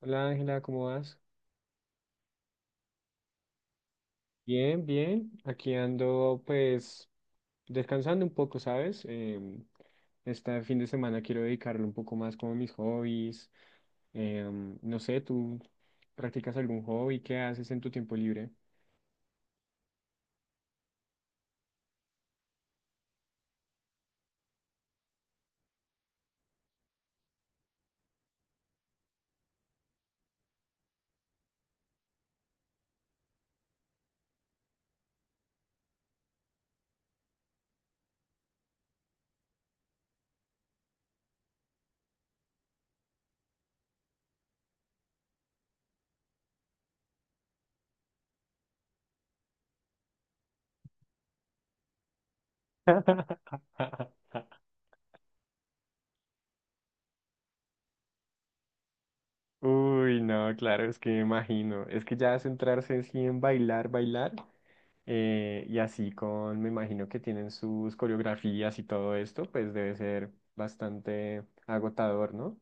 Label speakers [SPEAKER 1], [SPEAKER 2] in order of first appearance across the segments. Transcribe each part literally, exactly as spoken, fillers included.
[SPEAKER 1] Hola Ángela, ¿cómo vas? Bien, bien. Aquí ando pues descansando un poco, ¿sabes? Em, este fin de semana quiero dedicarle un poco más como a mis hobbies. Em, no sé, ¿tú practicas algún hobby? ¿Qué haces en tu tiempo libre? Uy, no, claro, es que me imagino. Es que ya centrarse así en bailar, bailar, eh, y así con, me imagino que tienen sus coreografías y todo esto, pues debe ser bastante agotador, ¿no?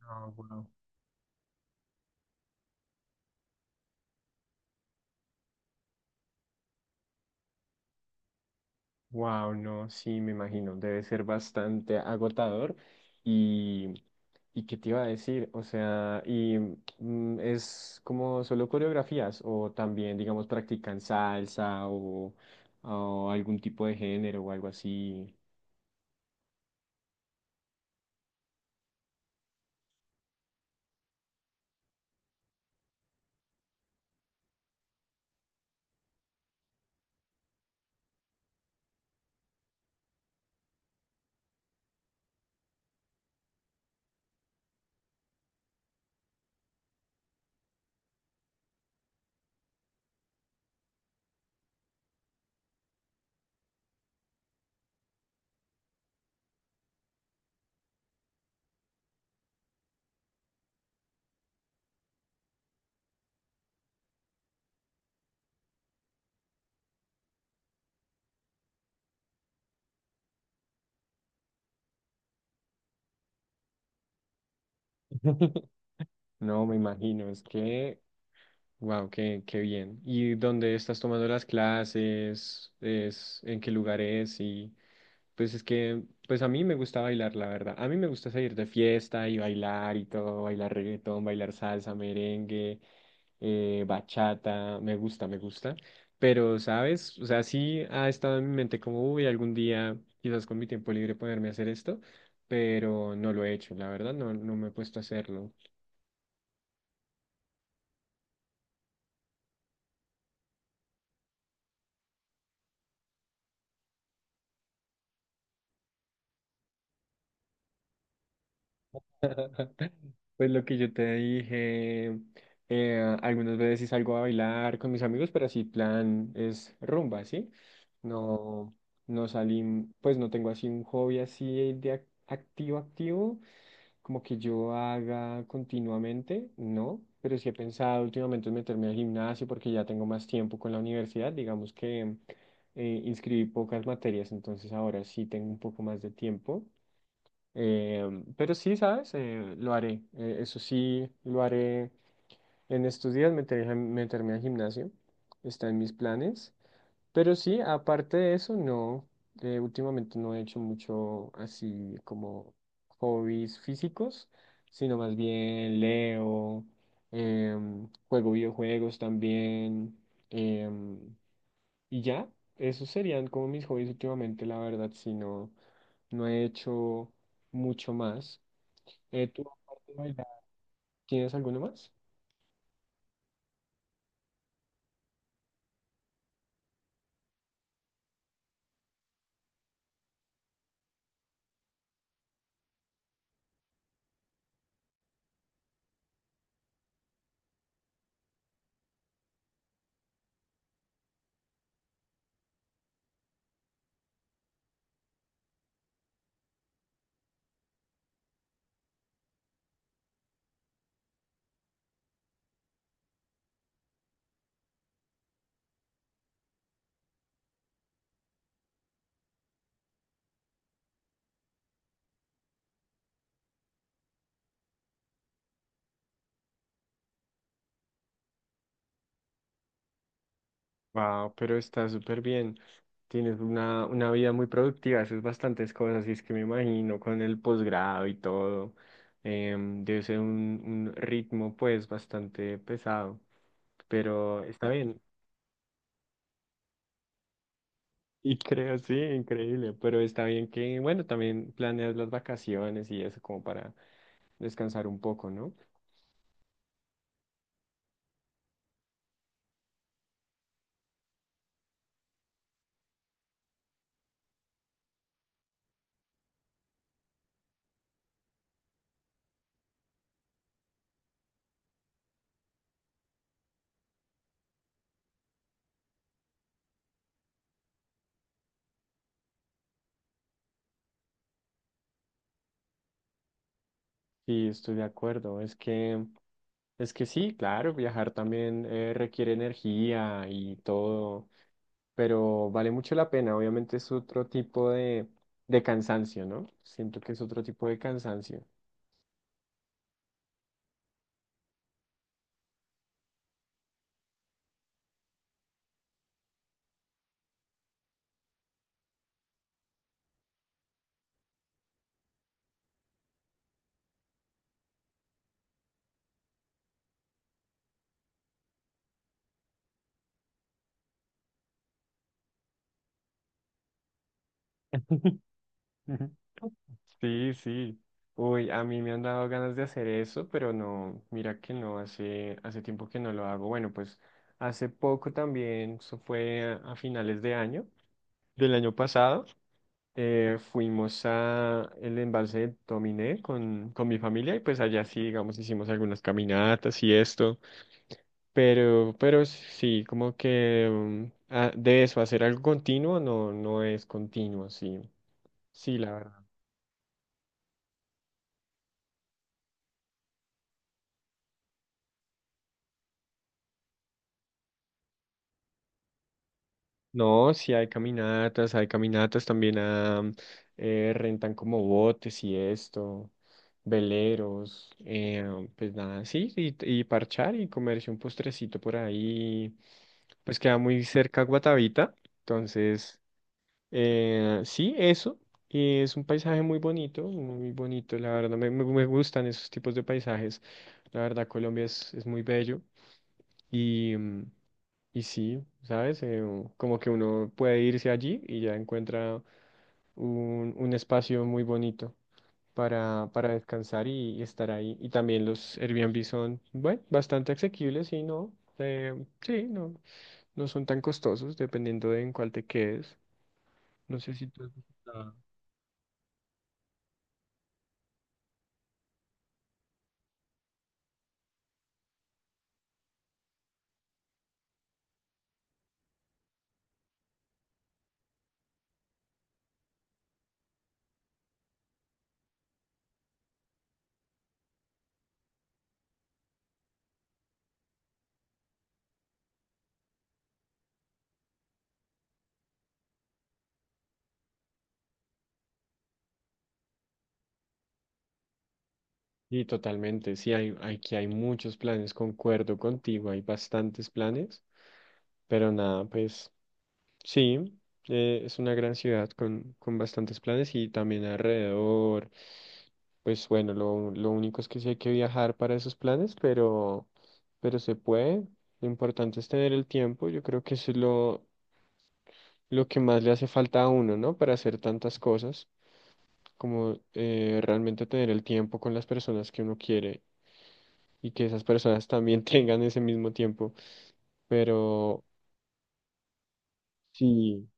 [SPEAKER 1] No, wow. Wow, no, sí, me imagino, debe ser bastante agotador. Y, ¿y qué te iba a decir? O sea, y mm, es como solo coreografías o también, digamos, practican salsa o, o algún tipo de género o algo así. No, me imagino, es que, wow, qué, qué bien. ¿Y dónde estás tomando las clases? ¿Es en qué lugar es? Y... Pues es que, pues a mí me gusta bailar, la verdad. A mí me gusta salir de fiesta y bailar y todo, bailar reggaetón, bailar salsa, merengue, eh, bachata, me gusta, me gusta. Pero, ¿sabes? O sea, sí ha estado en mi mente como, uy, algún día, quizás con mi tiempo libre ponerme a hacer esto, pero no lo he hecho, la verdad, no, no me he puesto a hacerlo. Pues lo que yo te dije, eh, algunas veces sí salgo a bailar con mis amigos, pero así plan es rumba, ¿sí? No, no salí, pues no tengo así un hobby así de ac- activo, activo, como que yo haga continuamente, no, pero sí he pensado últimamente en meterme al gimnasio porque ya tengo más tiempo con la universidad, digamos que eh, inscribí pocas materias, entonces ahora sí tengo un poco más de tiempo. Eh, pero sí, ¿sabes? Eh, lo haré. Eh, eso sí, lo haré en estos días, meter- meterme al gimnasio. Está en mis planes. Pero sí, aparte de eso, no. Eh, últimamente no he hecho mucho así como hobbies físicos, sino más bien leo, em, juego videojuegos también. em, y ya, esos serían como mis hobbies últimamente, la verdad, si no, no he hecho mucho más. Eh, ¿tú aparte de bailar, tienes alguno más? Wow, pero está súper bien. Tienes una, una vida muy productiva, haces bastantes cosas, y es que me imagino con el posgrado y todo. Em, debe ser un, un ritmo pues bastante pesado, pero está bien. Y creo, sí, increíble, pero está bien que, bueno, también planeas las vacaciones y eso como para descansar un poco, ¿no? Sí, estoy de acuerdo. Es que, es que sí, claro, viajar también eh, requiere energía y todo, pero vale mucho la pena. Obviamente es otro tipo de, de cansancio, ¿no? Siento que es otro tipo de cansancio. Sí, sí. Uy, a mí me han dado ganas de hacer eso, pero no, mira que no, hace, hace tiempo que no lo hago. Bueno, pues hace poco también, eso fue a, a finales de año, del año pasado. Eh, fuimos a el embalse de Dominé con, con mi familia y pues allá sí, digamos, hicimos algunas caminatas y esto, pero, pero sí, como que mm, ah, de eso, hacer algo continuo no, no es continuo, sí, sí, la verdad. No, sí hay caminatas, hay caminatas también a, mm, eh, rentan como botes y esto, veleros, eh, pues nada, sí, y, y parchar y comerse un postrecito por ahí pues queda muy cerca a Guatavita. Entonces, eh, sí, eso. Y es un paisaje muy bonito, muy bonito, la verdad. Me, me- me gustan esos tipos de paisajes. La verdad, Colombia es, es muy bello. Y, mm, y sí, ¿sabes? Eh, u- como que uno puede irse allí y ya encuentra un, un espacio muy bonito para, para descansar y, y estar ahí. Y también los Airbnb son, bueno, bastante asequibles y no. eh, sí, no. No son tan costosos, dependiendo de en cuál te quedes. No sé si tú has visitado. Sí, totalmente. Sí, hay, aquí hay muchos planes, concuerdo contigo, hay bastantes planes, pero nada, pues sí, eh, es una gran ciudad con, con bastantes planes y también alrededor, pues bueno, lo, lo único es que sí hay que viajar para esos planes, pero, pero se puede. Lo importante es tener el tiempo, yo creo que eso es lo, lo que más le hace falta a uno, ¿no? Para hacer tantas cosas. Como eh, realmente tener el tiempo con las personas que uno quiere y que esas personas también tengan ese mismo tiempo. Pero sí,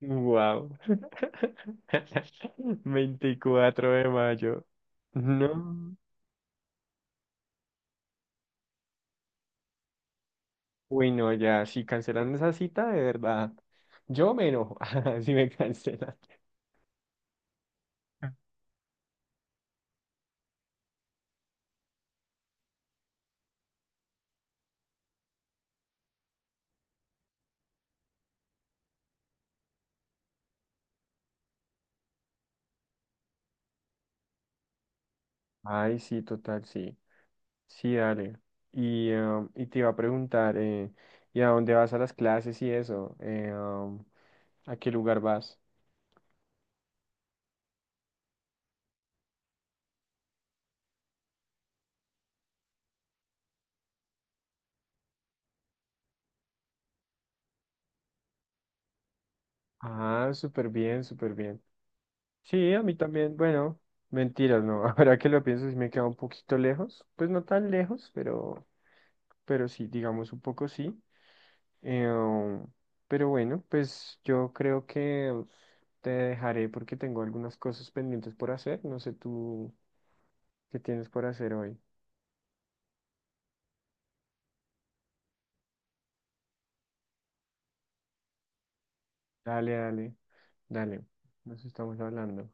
[SPEAKER 1] wow. Veinticuatro de mayo. No. Uy, no, ya, si cancelan esa cita, de verdad. Yo me enojo si me cancelan. Ay, sí, total, sí. Sí, dale. Y, em, y te iba a preguntar, eh, ¿y a dónde vas a las clases y eso? Eh, em, ¿A qué lugar vas? Ah, súper bien, súper bien. Sí, a mí también, bueno, mentiras, no. Ahora que lo pienso, sí me queda un poquito lejos. Pues no tan lejos, pero, pero sí, digamos un poco sí. Eh, um, pero bueno, pues yo creo que te dejaré porque tengo algunas cosas pendientes por hacer. No sé tú qué tienes por hacer hoy. Dale, dale, dale. Nos estamos hablando.